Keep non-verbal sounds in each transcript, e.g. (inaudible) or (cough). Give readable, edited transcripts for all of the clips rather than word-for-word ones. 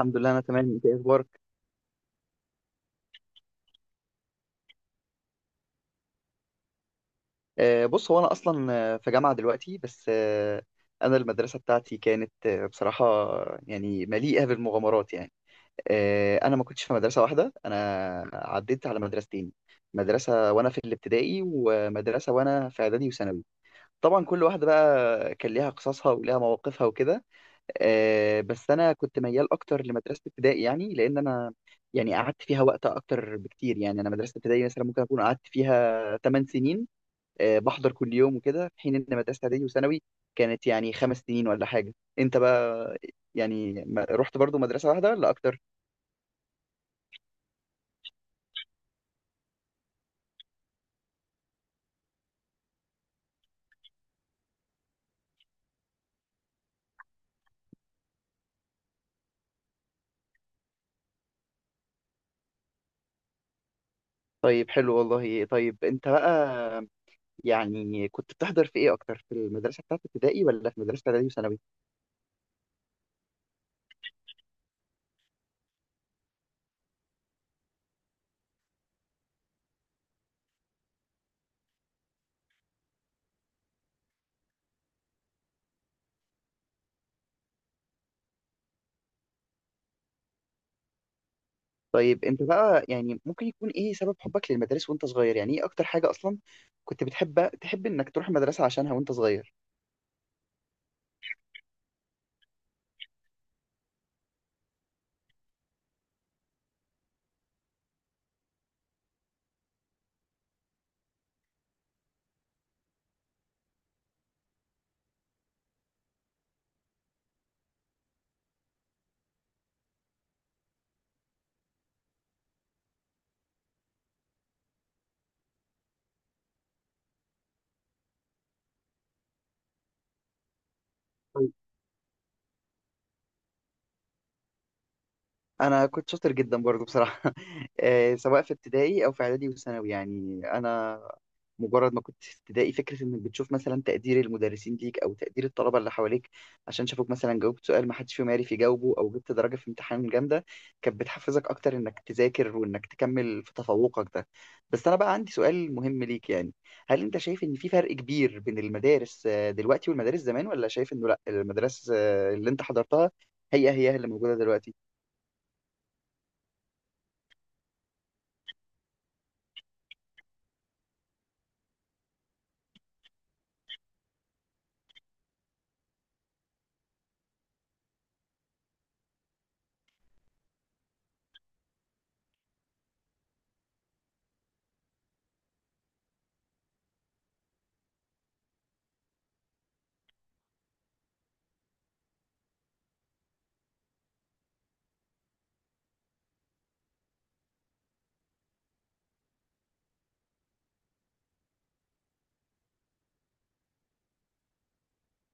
الحمد لله، انا تمام. انت إيه اخبارك؟ بص، هو انا اصلا في جامعه دلوقتي، بس انا المدرسه بتاعتي كانت بصراحه يعني مليئه بالمغامرات يعني. انا ما كنتش في مدرسه واحده، انا عديت على مدرستين: مدرسه وانا في الابتدائي، ومدرسه وانا في اعدادي وثانوي. طبعا كل واحده بقى كان ليها قصصها وليها مواقفها وكده. بس انا كنت ميال اكتر لمدرسه ابتدائي يعني، لان انا يعني قعدت فيها وقت اكتر بكتير. يعني انا مدرسه ابتدائي مثلا ممكن اكون قعدت فيها 8 سنين، بحضر كل يوم وكده، في حين ان مدرسه اعدادي وثانوي كانت يعني 5 سنين ولا حاجه. انت بقى يعني رحت برضو مدرسه واحده ولا اكتر؟ طيب حلو والله. طيب انت بقى يعني كنت بتحضر في ايه اكتر، في المدرسه بتاعت ابتدائي ولا في مدرسه اعدادي وثانوي؟ طيب انت بقى يعني ممكن يكون ايه سبب حبك للمدارس وانت صغير؟ يعني ايه اكتر حاجه اصلا كنت بتحب انك تروح المدرسه عشانها وانت صغير؟ انا كنت شاطر جدا برضو بصراحه. (laughs) سواء في ابتدائي او في اعدادي وثانوي يعني. انا مجرد ما كنت في ابتدائي، فكره انك بتشوف مثلا تقدير المدرسين ليك او تقدير الطلبه اللي حواليك عشان شافوك مثلا جاوبت سؤال ما حدش فيهم عارف يجاوبه او جبت درجه في امتحان جامده، كانت بتحفزك اكتر انك تذاكر وانك تكمل في تفوقك ده. بس انا بقى عندي سؤال مهم ليك يعني، هل انت شايف ان في فرق كبير بين المدارس دلوقتي والمدارس زمان، ولا شايف انه لا، المدارس اللي انت حضرتها هي هي اللي موجوده دلوقتي؟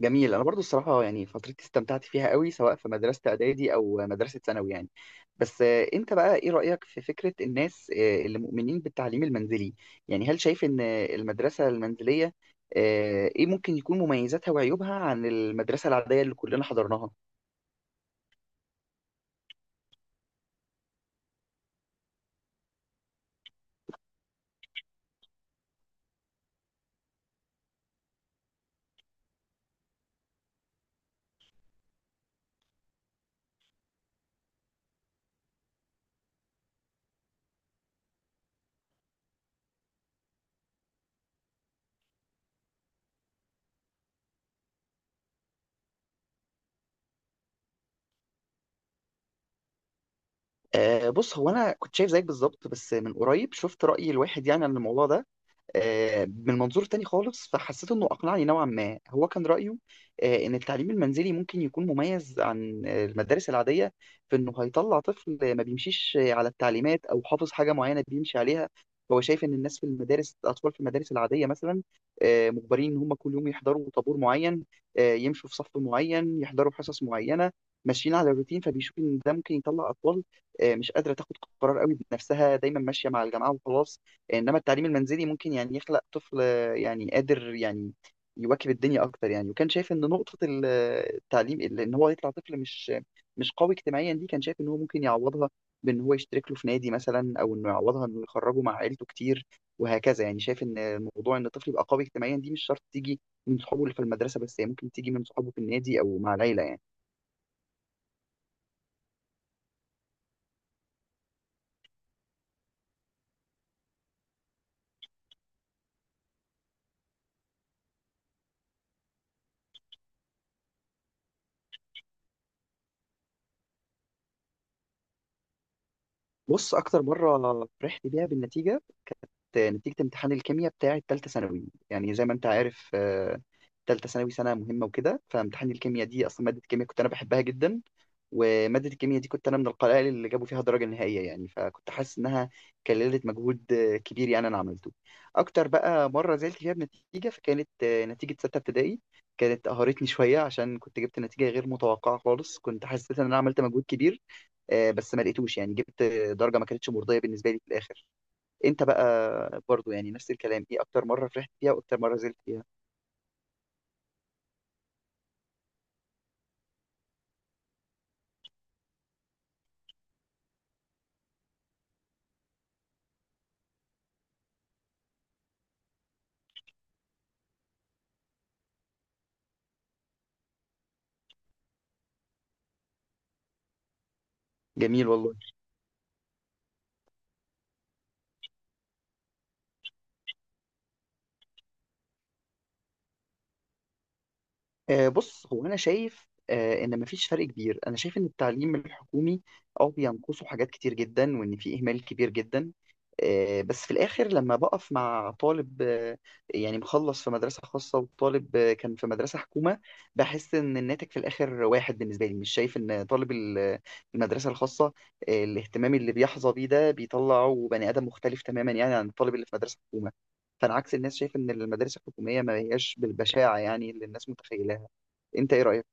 جميل. انا برضو الصراحه، يعني فترتي استمتعت فيها قوي، سواء في مدرسه اعدادي او مدرسه ثانوي يعني. بس انت بقى ايه رايك في فكره الناس اللي مؤمنين بالتعليم المنزلي؟ يعني هل شايف ان المدرسه المنزليه ايه ممكن يكون مميزاتها وعيوبها عن المدرسه العاديه اللي كلنا حضرناها؟ بص، هو انا كنت شايف زيك بالظبط، بس من قريب شفت راي الواحد يعني عن الموضوع ده من منظور تاني خالص، فحسيت انه اقنعني نوعا ما. هو كان رايه ان التعليم المنزلي ممكن يكون مميز عن المدارس العاديه، في انه هيطلع طفل ما بيمشيش على التعليمات او حافظ حاجه معينه بيمشي عليها. هو شايف ان الناس في المدارس، الاطفال في المدارس العاديه مثلا مجبرين ان هم كل يوم يحضروا طابور معين، يمشوا في صف معين، يحضروا حصص معينه، ماشيين على الروتين. فبيشوف ان ده ممكن يطلع اطفال مش قادره تاخد قرار قوي بنفسها، دايما ماشيه مع الجماعه وخلاص. انما التعليم المنزلي ممكن يعني يخلق طفل يعني قادر يعني يواكب الدنيا اكتر يعني. وكان شايف ان نقطة التعليم ان هو يطلع طفل مش قوي اجتماعيا دي، كان شايف ان هو ممكن يعوضها بان هو يشترك له في نادي مثلا، او انه يعوضها انه يخرجه مع عيلته كتير وهكذا. يعني شايف ان موضوع ان الطفل يبقى قوي اجتماعيا دي مش شرط تيجي من صحابه اللي في المدرسة بس، هي ممكن تيجي من صحابه في النادي او مع العيلة يعني. بص، اكتر مرة فرحت بيها بالنتيجة، نتيجة امتحان الكيمياء بتاعي تالتة ثانوي. يعني زي ما انت عارف، تالتة ثانوي سنة مهمة وكده. فامتحان الكيمياء دي، أصلا مادة الكيمياء كنت أنا بحبها جدا، ومادة الكيمياء دي كنت أنا من القلائل اللي جابوا فيها درجة نهائية. يعني فكنت حاسس إنها كللت مجهود كبير يعني أنا عملته. أكتر بقى مرة زعلت فيها بنتيجة فكانت نتيجة ستة ابتدائي. كانت قهرتني شوية، عشان كنت جبت نتيجة غير متوقعة خالص. كنت حسيت إن أنا عملت مجهود كبير بس ما لقيتوش. يعني جبت درجة ما كانتش مرضية بالنسبة لي في الآخر. انت بقى برضو يعني نفس الكلام، ايه اكتر مره فرحت فيها واكتر مره زعلت فيها؟ جميل والله. بص، هو انا شايف ان مفيش فرق كبير. انا شايف ان التعليم الحكومي اه بينقصه حاجات كتير جدا، وان في اهمال كبير جدا، بس في الاخر لما بقف مع طالب يعني مخلص في مدرسة خاصة وطالب كان في مدرسة حكومة، بحس ان الناتج في الاخر واحد. بالنسبة لي مش شايف ان طالب المدرسة الخاصة الاهتمام اللي بيحظى بيه ده بيطلعه بني ادم مختلف تماما يعني عن الطالب اللي في مدرسة حكومة. فانا عكس الناس، شايف ان المدارس الحكومية ما هياش بالبشاعة يعني اللي الناس متخيلة. انت ايه رايك؟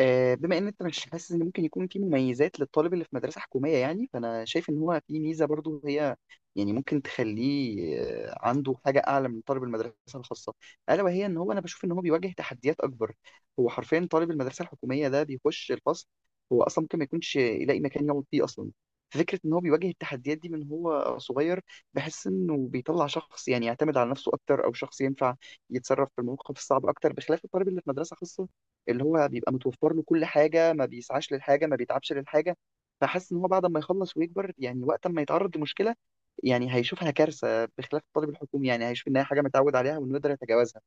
بما ان انت مش حاسس ان ممكن يكون في مميزات للطالب اللي في مدرسه حكوميه، يعني فانا شايف ان هو في ميزه برضو. هي يعني ممكن تخليه عنده حاجه اعلى من طالب المدرسه الخاصه، الا وهي ان هو، انا بشوف ان هو بيواجه تحديات اكبر. هو حرفيا طالب المدرسه الحكوميه ده بيخش الفصل، هو اصلا ممكن ما يكونش يلاقي مكان يقعد فيه اصلا. فكره ان هو بيواجه التحديات دي من هو صغير، بحس انه بيطلع شخص يعني يعتمد على نفسه اكتر، او شخص ينفع يتصرف في المواقف الصعبه اكتر، بخلاف الطالب اللي في مدرسه خاصه اللي هو بيبقى متوفر له كل حاجة، ما بيسعاش للحاجة، ما بيتعبش للحاجة. فحاسس إن هو بعد ما يخلص ويكبر، يعني وقت ما يتعرض لمشكلة، يعني هيشوفها كارثة، بخلاف الطالب الحكومي يعني هيشوف إنها حاجة متعود عليها وإنه يقدر يتجاوزها.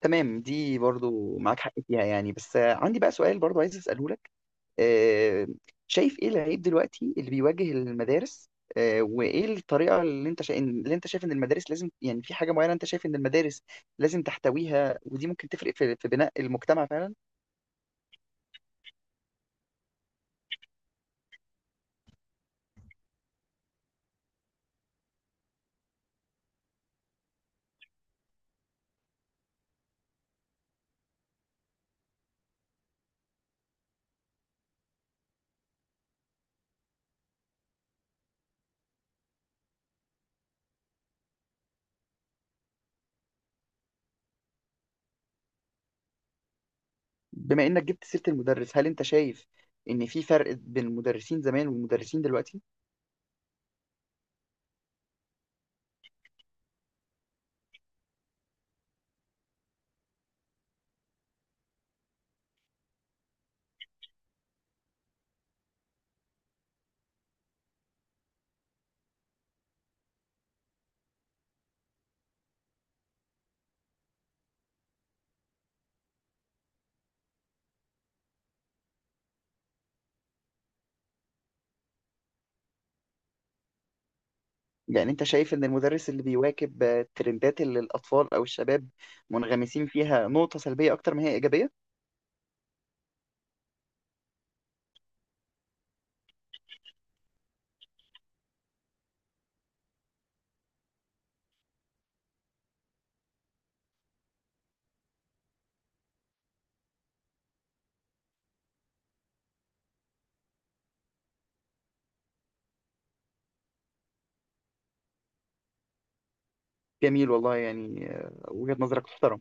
تمام، دي برضو معاك حق فيها يعني. بس عندي بقى سؤال برضو عايز أسأله لك. آه، شايف إيه العيب دلوقتي اللي بيواجه المدارس، وإيه الطريقة اللي اللي أنت شايف إن المدارس لازم، يعني في حاجة معينة أنت شايف إن المدارس لازم تحتويها، ودي ممكن تفرق في بناء المجتمع فعلا؟ بما انك جبت سيرة المدرس، هل انت شايف ان في فرق بين المدرسين زمان والمدرسين دلوقتي؟ يعني انت شايف ان المدرس اللي بيواكب الترندات اللي الاطفال او الشباب منغمسين فيها نقطة سلبية اكتر ما هي ايجابية؟ جميل والله يعني. وجهة نظرك تحترم.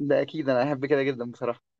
ده اكيد. انا احب كده جدا بصراحة.